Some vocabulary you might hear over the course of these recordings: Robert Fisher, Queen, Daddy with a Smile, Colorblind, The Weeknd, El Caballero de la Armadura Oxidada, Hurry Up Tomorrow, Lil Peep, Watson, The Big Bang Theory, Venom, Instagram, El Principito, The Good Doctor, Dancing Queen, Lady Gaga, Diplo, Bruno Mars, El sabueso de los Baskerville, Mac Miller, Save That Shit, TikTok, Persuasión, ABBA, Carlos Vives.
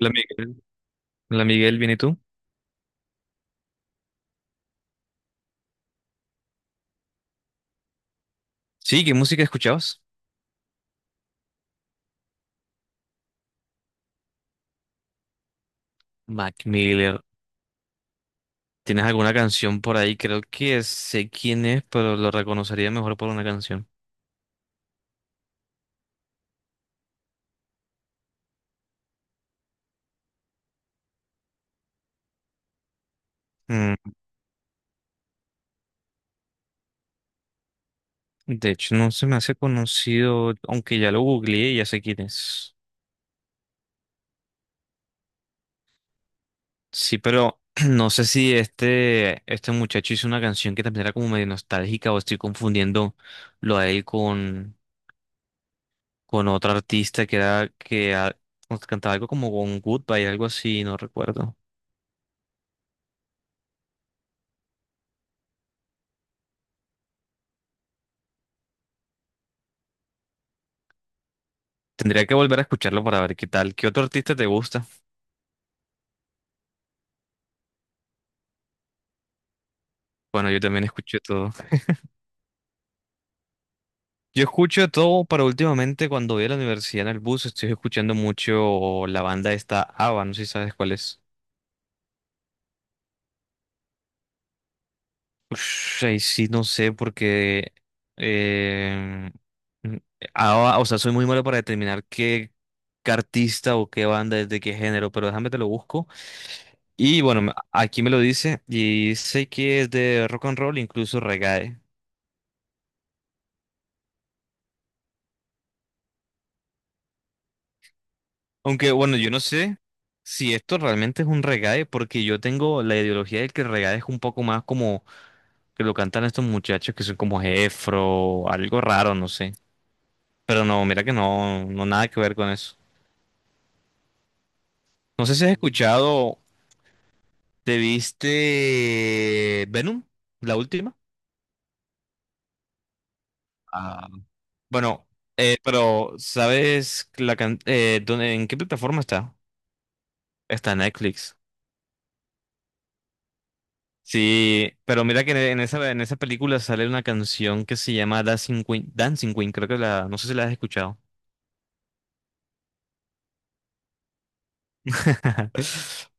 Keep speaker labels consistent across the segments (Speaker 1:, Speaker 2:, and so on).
Speaker 1: Hola Miguel. Hola Miguel, ¿bien y tú? Sí, ¿qué música escuchabas? Mac Miller. ¿Tienes alguna canción por ahí? Creo que sé quién es, pero lo reconocería mejor por una canción. Mm, de hecho, no se me hace conocido, aunque ya lo googleé y ya sé quién es. Sí, pero no sé si este muchacho hizo una canción que también era como medio nostálgica, o estoy confundiendo lo a él con otro artista que era que cantaba algo como con Goodbye, algo así, no recuerdo. Tendría que volver a escucharlo para ver qué tal. ¿Qué otro artista te gusta? Bueno, yo también escucho todo. Yo escucho de todo, pero últimamente cuando voy a la universidad en el bus estoy escuchando mucho la banda esta ABBA, no sé si sabes cuál es. Ush, ahí sí, no sé, porque eh, mm, ABBA, o sea, soy muy malo para determinar qué, qué artista o qué banda es de qué género, pero déjame te lo busco. Y bueno, aquí me lo dice y sé que es de rock and roll, incluso reggae. Aunque, bueno, yo no sé si esto realmente es un reggae, porque yo tengo la ideología de que el reggae es un poco más como que lo cantan estos muchachos que son como Jefro, algo raro, no sé. Pero no, mira que no, no nada que ver con eso. No sé si has escuchado, ¿te viste Venom? La última. Ah, bueno, pero ¿sabes la en qué plataforma está? Está en Netflix. Sí, pero mira que en esa, en esa película sale una canción que se llama Dancing Queen, Dancing Queen, creo que no sé si la has escuchado.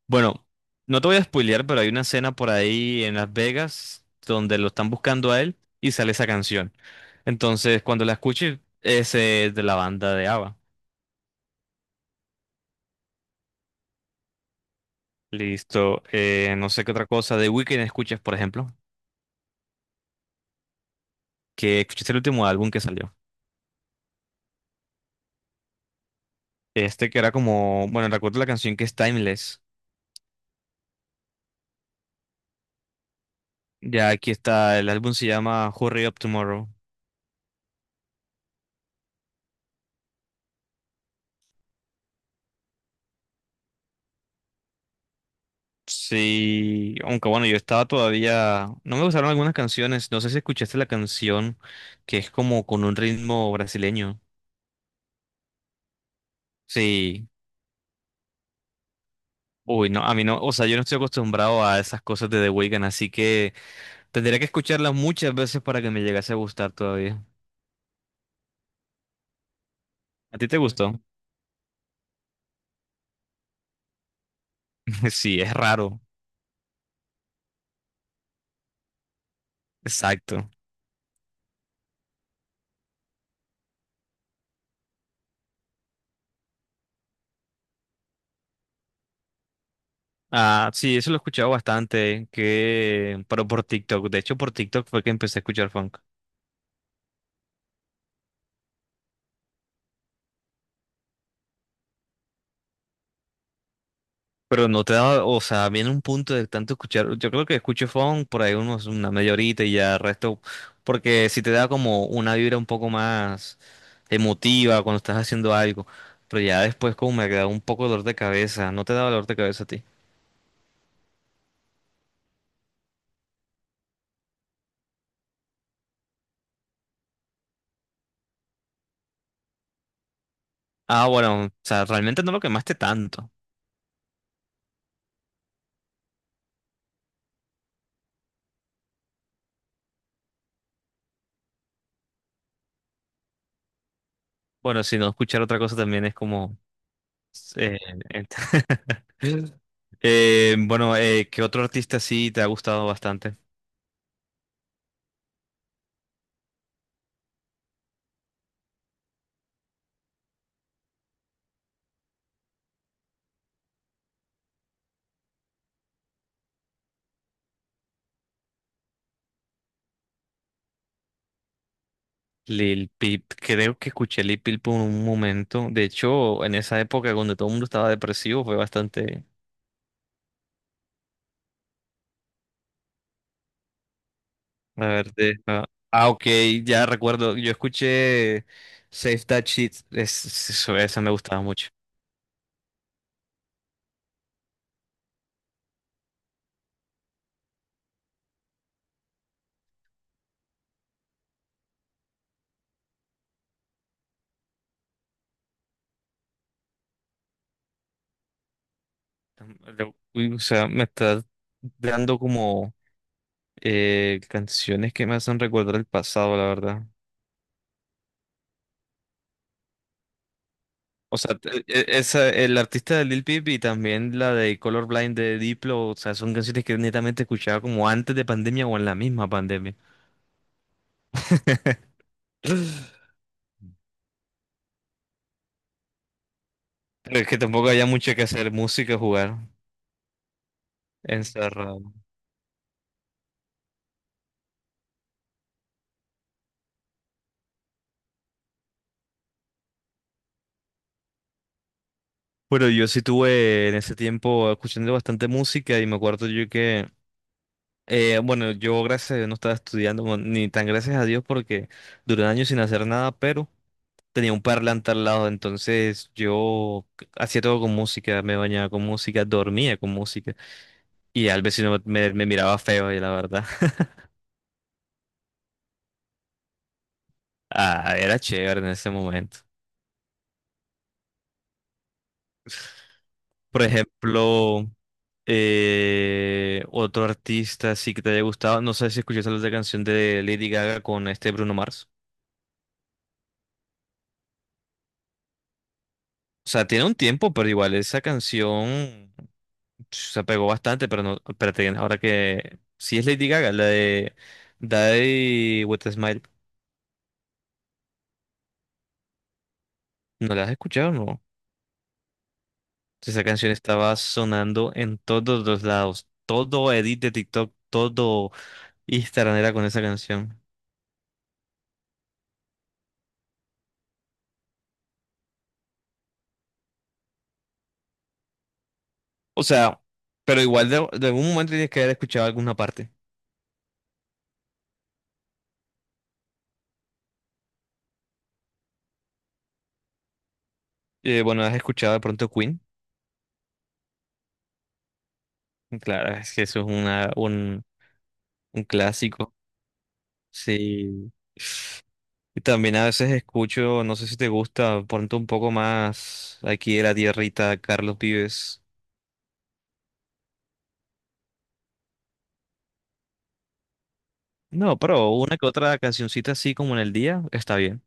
Speaker 1: Bueno, no te voy a spoilear, pero hay una escena por ahí en Las Vegas donde lo están buscando a él y sale esa canción. Entonces, cuando la escuches, es de la banda de ABBA. Listo, no sé qué otra cosa de Weeknd escuchas, por ejemplo, que escuchaste el último álbum que salió. Este que era como, bueno, recuerdo la canción que es Timeless. Ya aquí está, el álbum se llama Hurry Up Tomorrow. Sí, aunque bueno, yo estaba todavía, no me gustaron algunas canciones, no sé si escuchaste la canción que es como con un ritmo brasileño. Sí, uy, no, a mí no, o sea, yo no estoy acostumbrado a esas cosas de The Weeknd, así que tendría que escucharlas muchas veces para que me llegase a gustar todavía. ¿A ti te gustó? Sí, es raro, exacto. Ah, sí, eso lo he escuchado bastante, que, pero por TikTok, de hecho por TikTok fue que empecé a escuchar funk. Pero no te da, o sea, viene un punto de tanto escuchar, yo creo que escucho funk por ahí unos, una media horita y ya el resto, porque si te da como una vibra un poco más emotiva cuando estás haciendo algo, pero ya después como me da un poco de dolor de cabeza, no te da dolor de cabeza a ti. Ah, bueno, o sea, realmente no lo quemaste tanto. Bueno, si no escuchar otra cosa también es como... eh, ent- bueno, ¿qué otro artista sí te ha gustado bastante? Lil Peep, creo que escuché Lil Peep por un momento. De hecho, en esa época cuando todo el mundo estaba depresivo, fue bastante. A ver, ok, ya recuerdo. Yo escuché Save That Shit. Esa me gustaba mucho. Uy, o sea, me está dando como canciones que me hacen recordar el pasado, la verdad. O sea, esa, el artista de Lil Peep y también la de Colorblind de Diplo, o sea, son canciones que netamente escuchaba como antes de pandemia o en la misma pandemia. Pero es que tampoco había mucho que hacer, música, jugar, encerrado. Bueno, yo sí tuve en ese tiempo escuchando bastante música y me acuerdo yo que bueno, yo gracias a Dios no estaba estudiando, bueno, ni tan gracias a Dios porque duré años sin hacer nada, pero tenía un parlante al lado, entonces yo hacía todo con música, me bañaba con música, dormía con música y al vecino me miraba feo y la verdad, ah, era chévere en ese momento. Por ejemplo, otro artista sí que te haya gustado, no sé si escuchaste la otra canción de Lady Gaga con este Bruno Mars. O sea, tiene un tiempo, pero igual esa canción se pegó bastante, pero no, espérate, ahora que sí es Lady Gaga, la de Daddy with a Smile, ¿no la has escuchado? No. Si esa canción estaba sonando en todos los lados, todo edit de TikTok, todo Instagram era con esa canción. O sea, pero igual de algún momento tienes que haber escuchado alguna parte. Bueno, has escuchado de pronto Queen, claro, es que eso es un clásico, sí. Y también a veces escucho, no sé si te gusta, ponte un poco más aquí de la tierrita, Carlos Vives. No, pero una que otra cancioncita así como en el día, está bien.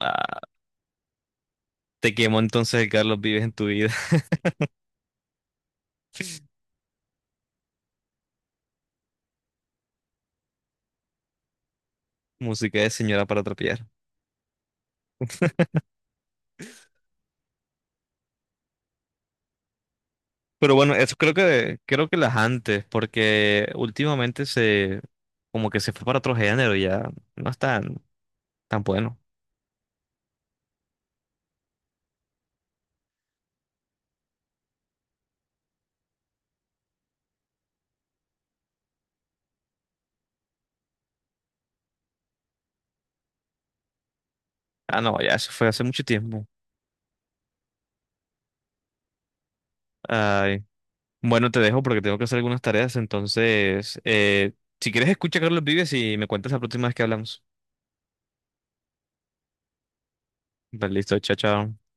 Speaker 1: Ah, te quemo entonces el Carlos Vives en tu vida. Música de señora para trapear. Pero bueno, eso creo que las antes, porque últimamente se, como que se fue para otro género, ya no es tan, tan bueno. Ah, no, ya eso fue hace mucho tiempo. Bueno, te dejo porque tengo que hacer algunas tareas, entonces, si quieres escucha a Carlos Vives y me cuentas la próxima vez que hablamos. Vale, listo, chao, chao.